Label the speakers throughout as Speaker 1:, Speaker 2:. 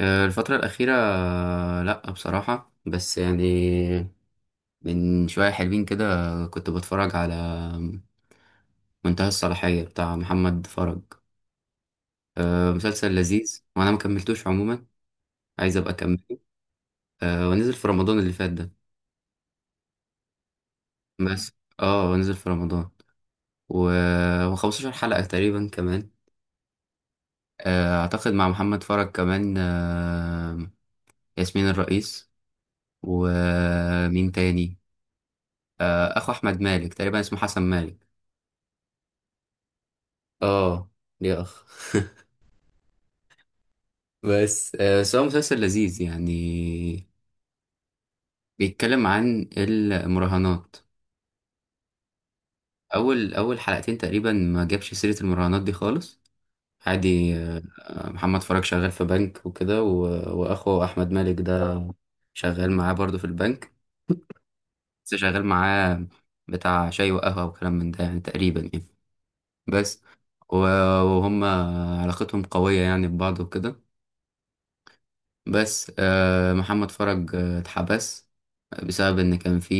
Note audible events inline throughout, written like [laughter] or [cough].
Speaker 1: آه، الفترة الأخيرة، لأ بصراحة بس يعني من شوية حلوين كده. كنت بتفرج على منتهى الصلاحية بتاع محمد فرج. مسلسل لذيذ وأنا مكملتوش عموما، عايز أبقى أكمله. ونزل في رمضان اللي فات ده. بس اه، ونزل في رمضان و- وخمستاشر حلقة تقريبا كمان. أعتقد مع محمد فرج كمان، ياسمين الرئيس ومين تاني؟ أخو أحمد مالك تقريبا اسمه حسن مالك. اه، يا اخ [laughs] بس بس هو مسلسل لذيذ يعني. بيتكلم عن المراهنات. اول حلقتين تقريبا ما جابش سيرة المراهنات دي خالص. عادي، محمد فرج شغال في بنك وكده، و- واخوه احمد مالك ده شغال معاه برضه في البنك. بس شغال معاه بتاع شاي وقهوة وكلام من ده يعني، تقريبا يعني. بس و- وهم علاقتهم قوية يعني ببعض وكده. بس محمد فرج اتحبس بسبب ان كان في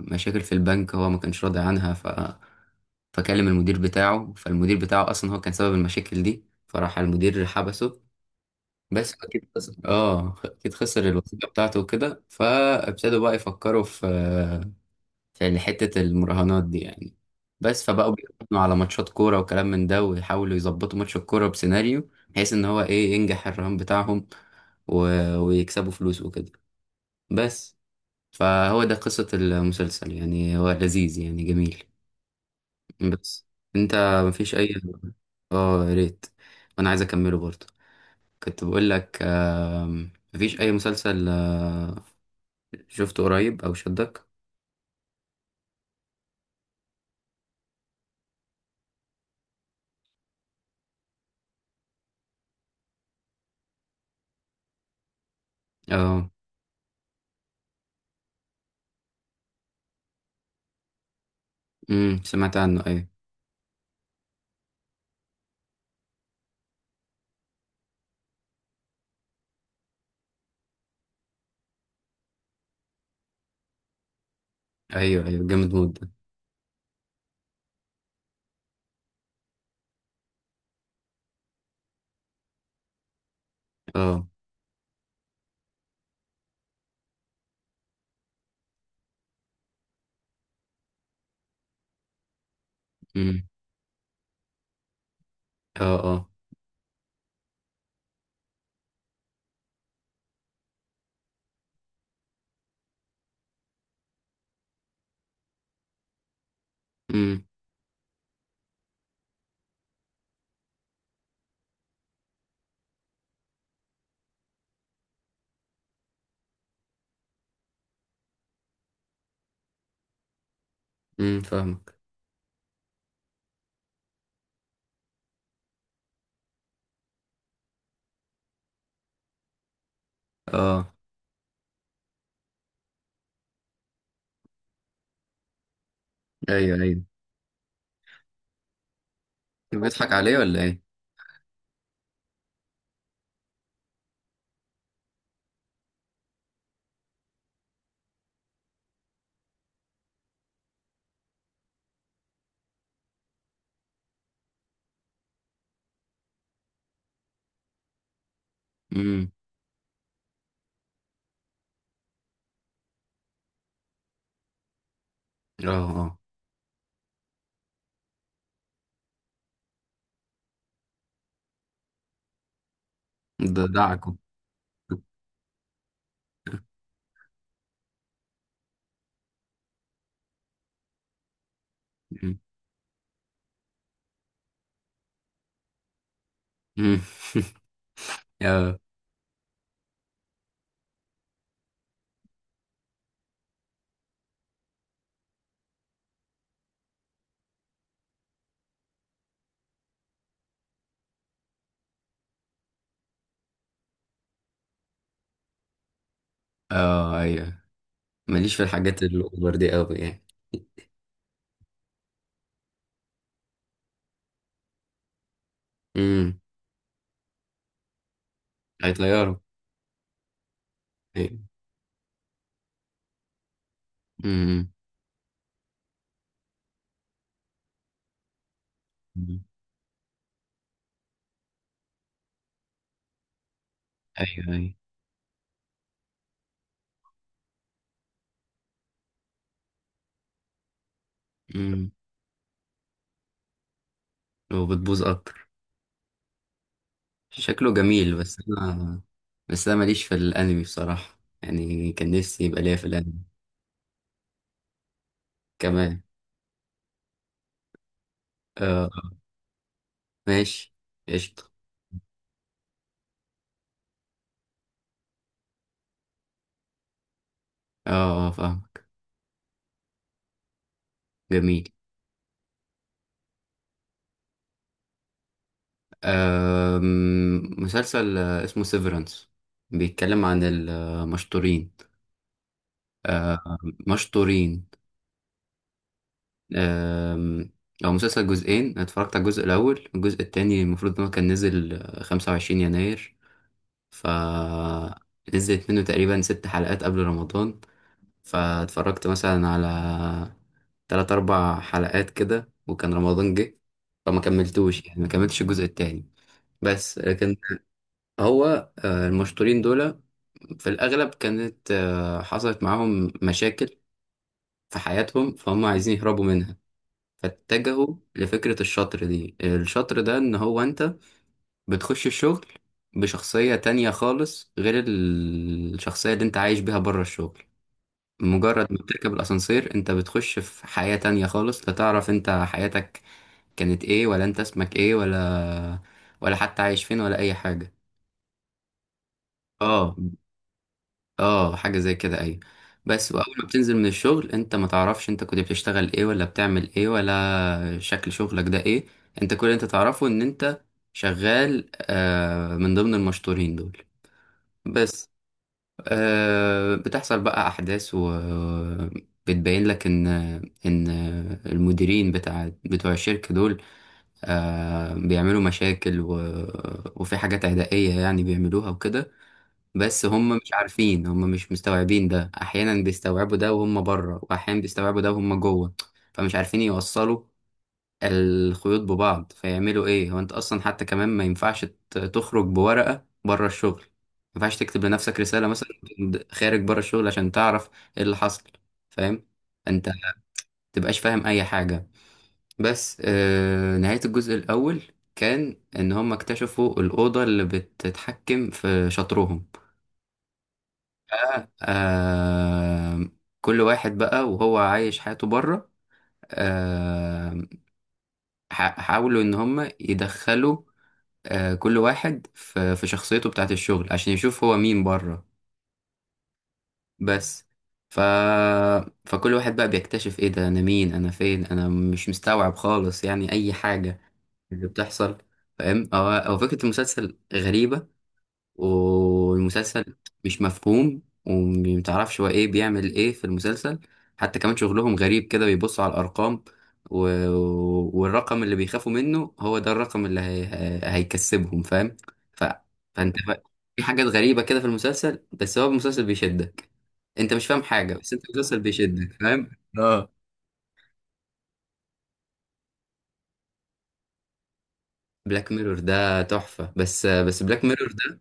Speaker 1: مشاكل في البنك هو ما كانش راضي عنها. فكلم المدير بتاعه، فالمدير بتاعه اصلا هو كان سبب المشاكل دي، فراح المدير حبسه. بس اكيد خسر، اه اكيد خسر الوظيفه بتاعته وكده، فابتدوا بقى يفكروا في حته المراهنات دي يعني. بس فبقوا بيراهنوا على ماتشات كوره وكلام من ده، ويحاولوا يظبطوا ماتش الكوره بسيناريو بحيث ان هو ايه ينجح الرهان بتاعهم و... ويكسبوا فلوس وكده. بس فهو ده قصة المسلسل يعني، هو لذيذ يعني جميل. بس انت مفيش اي. اه يا ريت، وانا عايز اكمله برضه. كنت بقول لك، مفيش اي مسلسل شفته قريب او شدك؟ اه، سمعت عنه ايوه، ايوه ايوه جامد موت ده. اه، امم. اه اه. امم. امم، فاهمك. اه، ايوه ايوه. بيضحك عليه ولا ايه؟ امم. اه اه. ده دعكم. امم [laughs] امم. اه اه. ايوه. ماليش في الحاجات الأوفر دي أوي يعني. امم. هيطيره. أيوة. امم. أمم. أيوه أيوه. امم. وبتبوظ أكتر. شكله جميل بس أنا. بس أنا ماليش في الأنمي بصراحة يعني، كان نفسي يبقى ليا في الأنمي كمان. آه آه. ماشي. قشطة. آه آه، فاهمك. جميل. مسلسل اسمه سيفرنس، بيتكلم عن المشطورين. آه، مشطورين. آم، هو مسلسل جزئين، أنا اتفرجت على الجزء الأول. الجزء التاني المفروض إن هو كان نزل 25 يناير. ف نزلت منه تقريبا 6 حلقات قبل رمضان، فاتفرجت مثلا على 3 أربع حلقات كده، وكان رمضان جه، فما كملتوش يعني، ما كملتش الجزء التاني. بس لكن هو المشطورين دول في الأغلب كانت حصلت معاهم مشاكل في حياتهم فهم عايزين يهربوا منها. فاتجهوا لفكرة الشطر دي، الشطر ده ان هو انت بتخش الشغل بشخصية تانية خالص غير الشخصية اللي انت عايش بيها بره الشغل. مجرد ما بتركب الاسانسير انت بتخش في حياة تانية خالص، لا تعرف انت حياتك كانت ايه، ولا انت اسمك ايه، ولا ولا حتى عايش فين، ولا اي حاجة. اه اه، حاجة زي كده ايوه. بس واول ما بتنزل من الشغل انت ما تعرفش انت كنت بتشتغل ايه، ولا بتعمل ايه، ولا شكل شغلك ده ايه. انت كل اللي انت تعرفه ان انت شغال آه من ضمن المشطورين دول بس. آه، بتحصل بقى احداث و بتبين لك ان ان المديرين بتاع بتوع الشركة دول آه بيعملوا مشاكل وفي حاجات عدائية يعني بيعملوها وكده. بس هم مش عارفين، هم مش مستوعبين ده، احيانا بيستوعبوا ده وهم بره واحيانا بيستوعبوا ده وهم جوه. فمش عارفين يوصلوا الخيوط ببعض، فيعملوا ايه. هو انت اصلا حتى كمان ما ينفعش تخرج بورقة بره الشغل، ما ينفعش تكتب لنفسك رسالة مثلا وأنت خارج بره الشغل عشان تعرف ايه اللي حصل. فاهم؟ انت ما تبقاش فاهم اي حاجة. بس آه نهاية الجزء الاول كان ان هم اكتشفوا الأوضة اللي بتتحكم في شطرهم. بقى آه، كل واحد بقى وهو عايش حياته بره آه حاولوا ان هم يدخلوا آه كل واحد في شخصيته بتاعت الشغل عشان يشوف هو مين بره. بس ف... فكل واحد بقى بيكتشف ايه ده، انا مين، انا فين، انا مش مستوعب خالص يعني اي حاجة اللي بتحصل. فاهم؟ هو هو فكرة المسلسل غريبة. والمسلسل مش مفهوم، ومتعرفش هو ايه بيعمل ايه في المسلسل. حتى كمان شغلهم غريب كده، بيبصوا على الارقام و... والرقم اللي بيخافوا منه هو ده الرقم اللي هيكسبهم. فاهم؟ ف... فانت بقى في حاجات غريبة كده في المسلسل، بس هو المسلسل بيشدك. انت مش فاهم حاجة بس انت المسلسل بيشدك. فاهم؟ اه، بلاك ميرور ده تحفة. بس بلاك ميرور ده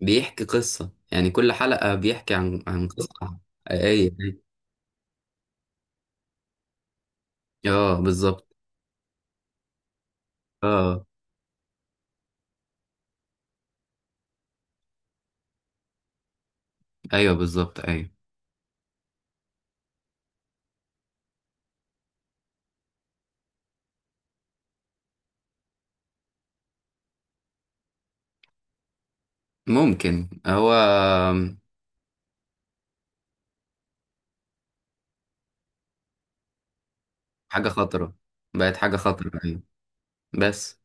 Speaker 1: بيحكي قصة يعني، كل حلقة بيحكي عن قصة حقيقية. اه بالظبط. اه ايوه بالظبط ايوه. ممكن هو حاجة خطرة، بقت حاجة خطرة ايوه. بس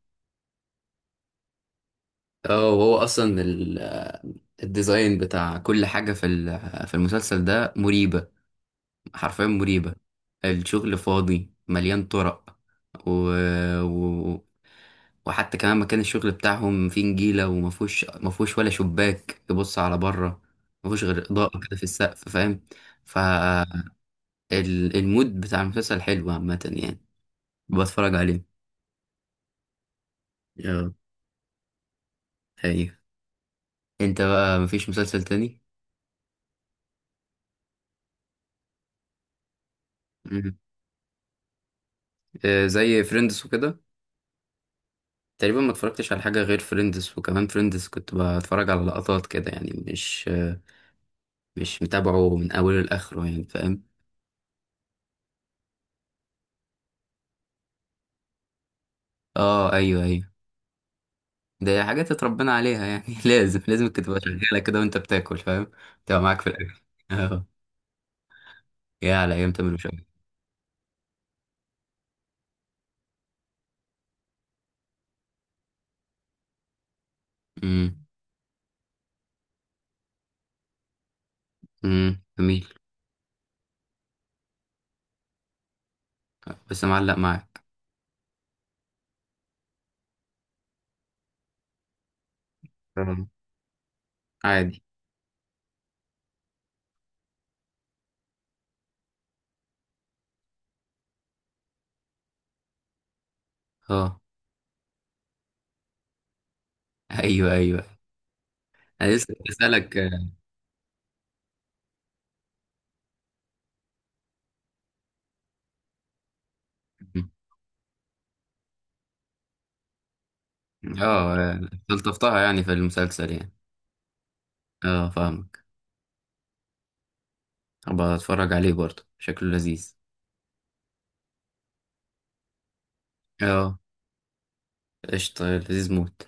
Speaker 1: اه. وهو اصلا الديزاين بتاع كل حاجة في في المسلسل ده مريبة، حرفيا مريبة. الشغل فاضي مليان طرق و... و... وحتى كمان مكان الشغل بتاعهم فيه نجيلة، ومفهوش ولا شباك يبص على بره، مفهوش غير إضاءة كده في السقف. فاهم؟ ف المود بتاع المسلسل حلو عامة يعني، بتفرج عليه. اه حقيقة. انت بقى مفيش مسلسل تاني؟ مم. آه، زي فريندز وكده. تقريبا ما اتفرجتش على حاجة غير فريندز. وكمان فريندز كنت بتفرج على لقطات كده يعني، مش مش متابعه من أوله لآخره يعني. فاهم؟ اه ايوه ايوه. ده حاجات اتربينا عليها يعني [laughs] لازم لازم كنت تبقى شغالة كده وانت بتاكل. فاهم؟ تبقى معاك في الأكل. اه. يا على أيام تامر وشوقي. امم، جميل. بس معلق معاك. آه. عادي. اه ايوه ايوه. انا لسه كنت بسألك اه. آه، استلطفتها يعني في المسلسل يعني. اه، فاهمك. ابقى اتفرج عليه برضه، شكله لذيذ. اه قشطة لذيذ موت.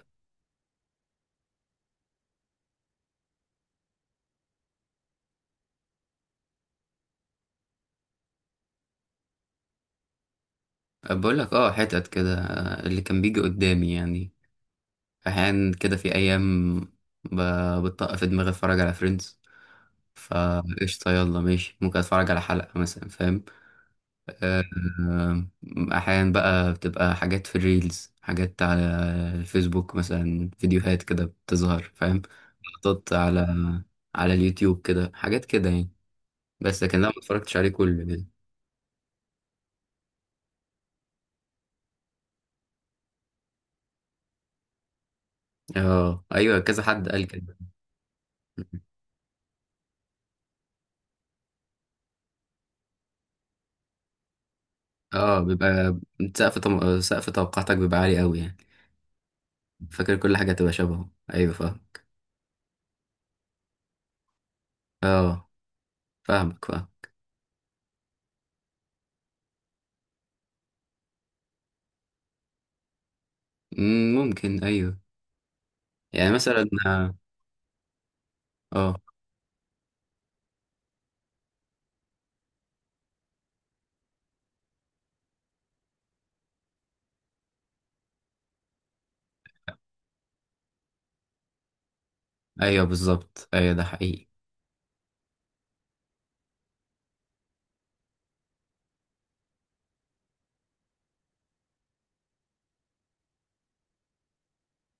Speaker 1: بقول لك اه، حتت كده اللي كان بيجي قدامي يعني. احيانا كده في ايام بتطق في دماغي اتفرج على فريندز، فقشطة يلا ماشي، ممكن اتفرج على حلقة مثلا. فاهم؟ آه، آه، أحيانا بقى بتبقى حاجات في الريلز، حاجات على الفيسبوك مثلا، فيديوهات كده بتظهر. فاهم؟ لقطات على اليوتيوب كده، حاجات كده يعني. بس لكن لا، ما اتفرجتش عليه كله كده. اه ايوه كذا حد قال كده. اه بيبقى سقف توقعاتك بيبقى عالي قوي يعني. فاكر كل حاجة تبقى شبهه، ايوه فاهمك. اه فاهمك فاهم. مم، ممكن ايوه. يعني مثلا اه. آه، ايوه بالظبط ايوه ده حقيقي.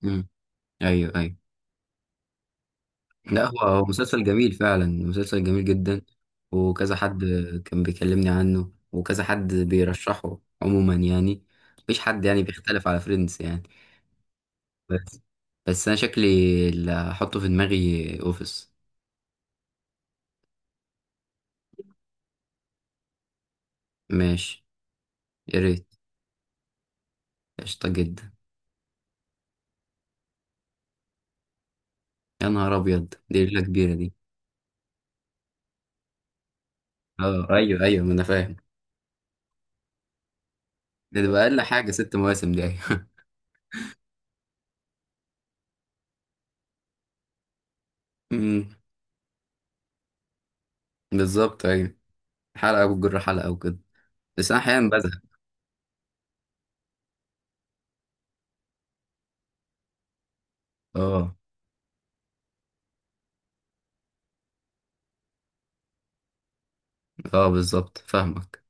Speaker 1: مم، ايوه ايوه. لا هو هو مسلسل جميل فعلا، مسلسل جميل جدا. وكذا حد كان بيكلمني عنه، وكذا حد بيرشحه عموما يعني. مفيش حد يعني بيختلف على فريندز يعني. بس، انا شكلي اللي هحطه في دماغي اوفيس. ماشي. يا ريت. قشطة جدا. يا نهار ابيض، دي ليلة كبيرة دي. اه ايوه ايوه، ما انا فاهم. ده تبقى اقل حاجة 6 مواسم دي، ايوه [laughs] أمم، بالظبط ايوه. حلقة وجر حلقة وكده. بس انا احيانا بزهق. اه اه بالظبط فاهمك.